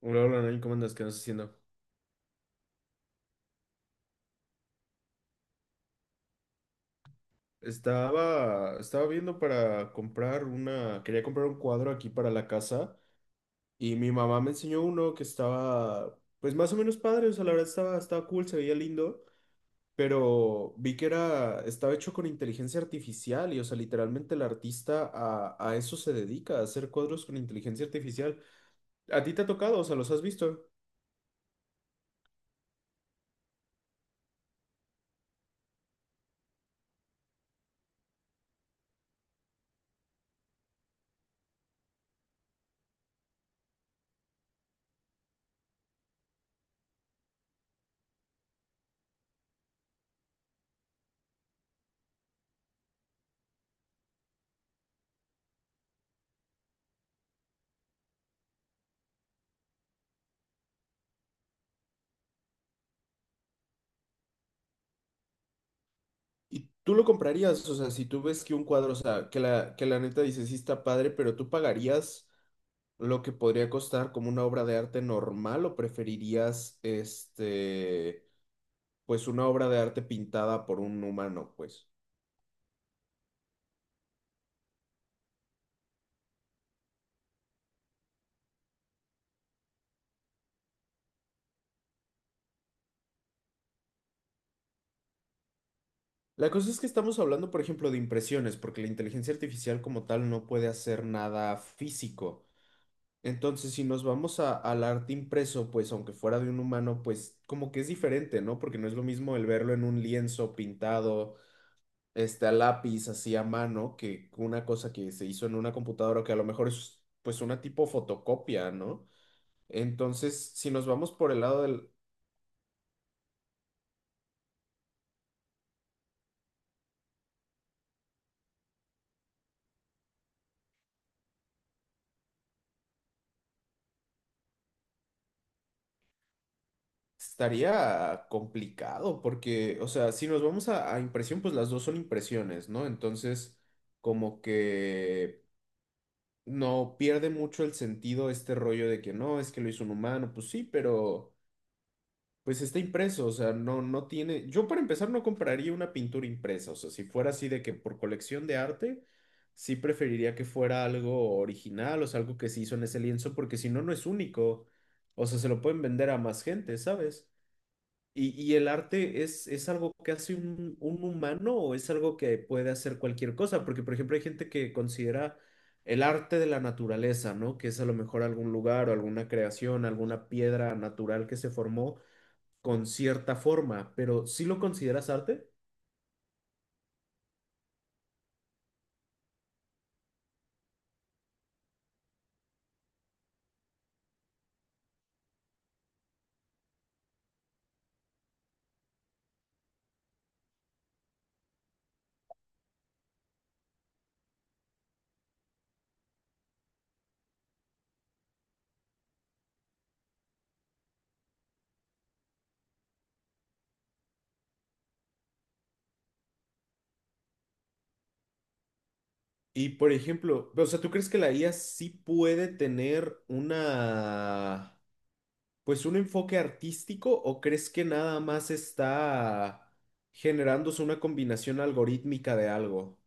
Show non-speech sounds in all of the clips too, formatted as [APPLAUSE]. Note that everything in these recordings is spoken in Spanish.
Hola, hola, Nain, ¿cómo andas? ¿Qué andas haciendo? Estaba viendo para comprar una, quería comprar un cuadro aquí para la casa y mi mamá me enseñó uno que estaba, pues más o menos padre, o sea, la verdad estaba, cool, se veía lindo, pero vi que era, estaba hecho con inteligencia artificial y, o sea, literalmente el artista a eso se dedica, a hacer cuadros con inteligencia artificial. ¿A ti te ha tocado? O sea, ¿los has visto? Y tú lo comprarías, o sea, si tú ves que un cuadro, o sea, que la neta dices, sí está padre, pero tú pagarías lo que podría costar como una obra de arte normal o preferirías este, pues una obra de arte pintada por un humano, pues. La cosa es que estamos hablando, por ejemplo, de impresiones, porque la inteligencia artificial como tal no puede hacer nada físico. Entonces, si nos vamos a- al arte impreso, pues aunque fuera de un humano, pues como que es diferente, ¿no? Porque no es lo mismo el verlo en un lienzo pintado este, a lápiz, así a mano, que una cosa que se hizo en una computadora, que a lo mejor es pues una tipo fotocopia, ¿no? Entonces, si nos vamos por el lado del... Estaría complicado porque, o sea, si nos vamos a impresión, pues las dos son impresiones, ¿no? Entonces, como que no pierde mucho el sentido este rollo de que no, es que lo hizo un humano, pues sí, pero... Pues está impreso, o sea, no tiene. Yo para empezar no compraría una pintura impresa, o sea, si fuera así de que por colección de arte, sí preferiría que fuera algo original, o sea, algo que se hizo en ese lienzo, porque si no, no es único. O sea, se lo pueden vender a más gente, ¿sabes? Y el arte es algo que hace un humano o es algo que puede hacer cualquier cosa, porque por ejemplo hay gente que considera el arte de la naturaleza, ¿no? Que es a lo mejor algún lugar o alguna creación, alguna piedra natural que se formó con cierta forma, pero ¿sí lo consideras arte? Y por ejemplo, o sea, ¿tú crees que la IA sí puede tener una, pues un enfoque artístico o crees que nada más está generándose una combinación algorítmica de algo?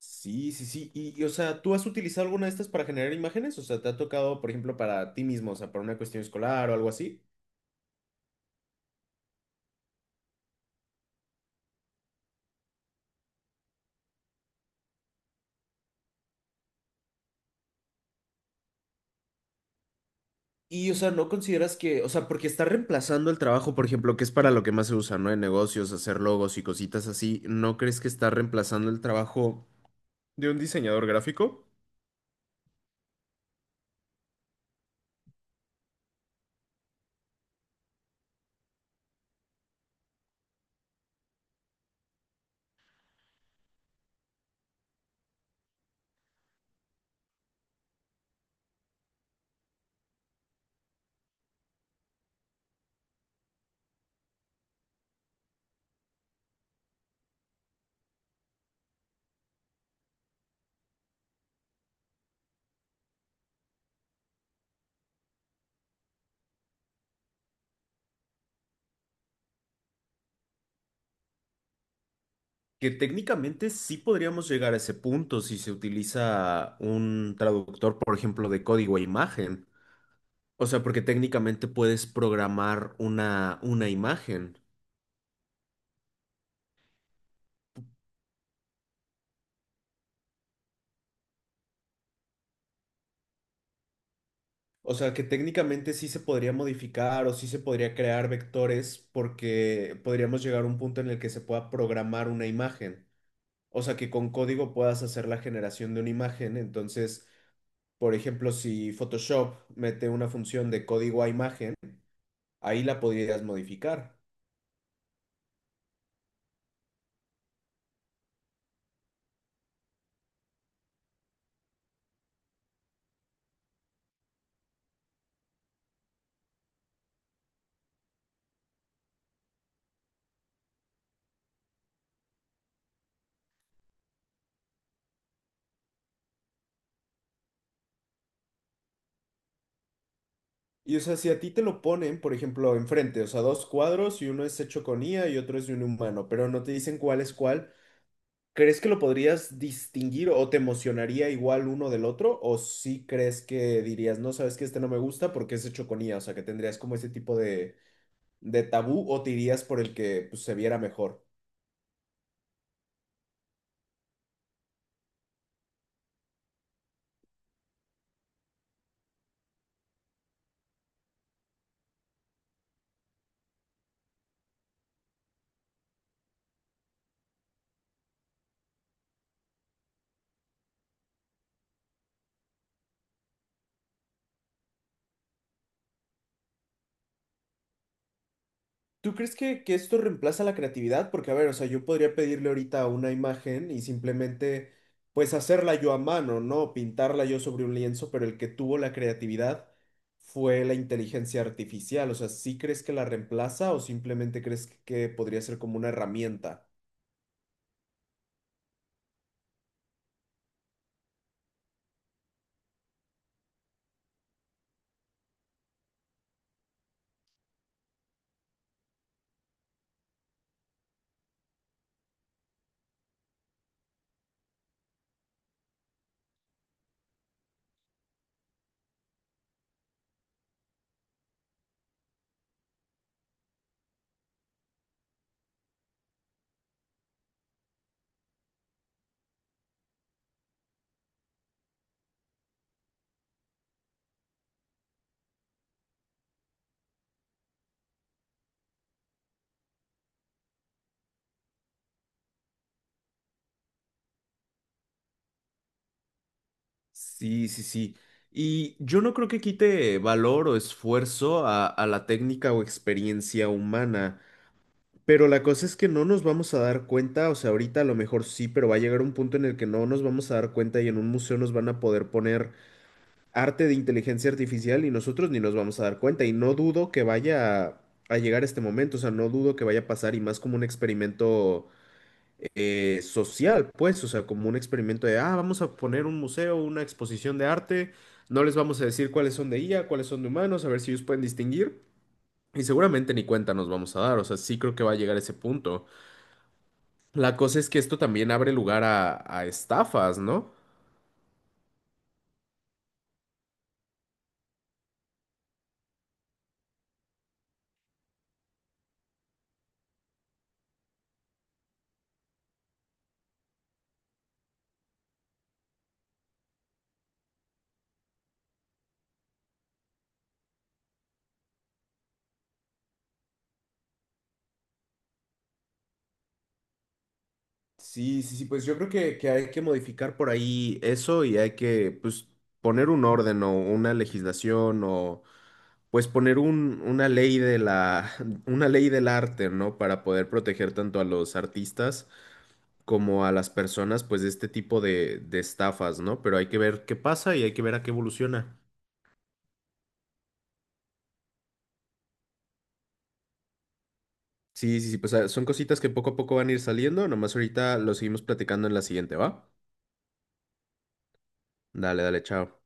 Sí, sí, sí. O sea, ¿tú has utilizado alguna de estas para generar imágenes? O sea, ¿te ha tocado, por ejemplo, para ti mismo, o sea, para una cuestión escolar o algo así? Y, o sea, ¿no consideras que, o sea, porque está reemplazando el trabajo, por ejemplo, que es para lo que más se usa, ¿no? En negocios, hacer logos y cositas así, ¿no crees que está reemplazando el trabajo de un diseñador gráfico? Que técnicamente sí podríamos llegar a ese punto si se utiliza un traductor, por ejemplo, de código a imagen. O sea, porque técnicamente puedes programar una imagen. O sea, que técnicamente sí se podría modificar o sí se podría crear vectores porque podríamos llegar a un punto en el que se pueda programar una imagen. O sea, que con código puedas hacer la generación de una imagen. Entonces, por ejemplo, si Photoshop mete una función de código a imagen, ahí la podrías modificar. Y o sea, si a ti te lo ponen, por ejemplo, enfrente, o sea, dos cuadros y uno es hecho con IA y otro es de un humano, pero no te dicen cuál es cuál. ¿Crees que lo podrías distinguir o te emocionaría igual uno del otro? ¿O sí crees que dirías, no, sabes que este no me gusta porque es de choconía? O sea, que tendrías como ese tipo de tabú o te irías por el que pues, se viera mejor. ¿Tú crees que esto reemplaza la creatividad? Porque, a ver, o sea, yo podría pedirle ahorita una imagen y simplemente, pues, hacerla yo a mano, ¿no? Pintarla yo sobre un lienzo, pero el que tuvo la creatividad fue la inteligencia artificial. O sea, ¿sí crees que la reemplaza o simplemente crees que podría ser como una herramienta? Sí, sí, sí. Y yo no creo que quite valor o esfuerzo a la técnica o experiencia humana. Pero la cosa es que no nos vamos a dar cuenta, o sea, ahorita a lo mejor sí, pero va a llegar un punto en el que no nos vamos a dar cuenta y en un museo nos van a poder poner arte de inteligencia artificial y nosotros ni nos vamos a dar cuenta. Y no dudo que vaya a llegar este momento, o sea, no dudo que vaya a pasar y más como un experimento social, pues, o sea, como un experimento de, ah, vamos a poner un museo, una exposición de arte, no les vamos a decir cuáles son de IA, cuáles son de humanos, a ver si ellos pueden distinguir. Y seguramente ni cuenta nos vamos a dar, o sea, sí creo que va a llegar ese punto. La cosa es que esto también abre lugar a estafas, ¿no? Sí, sí, sí, pues yo creo que hay que modificar por ahí eso y hay que, pues, poner un orden o una legislación o, pues, poner un, una ley de la, [LAUGHS] una ley del arte, ¿no? Para poder proteger tanto a los artistas como a las personas, pues, de este tipo de estafas, ¿no? Pero hay que ver qué pasa y hay que ver a qué evoluciona. Sí, sí, sí, pues ah, son cositas que poco a poco van a ir saliendo, nomás ahorita lo seguimos platicando en la siguiente, ¿va? Dale, dale, chao.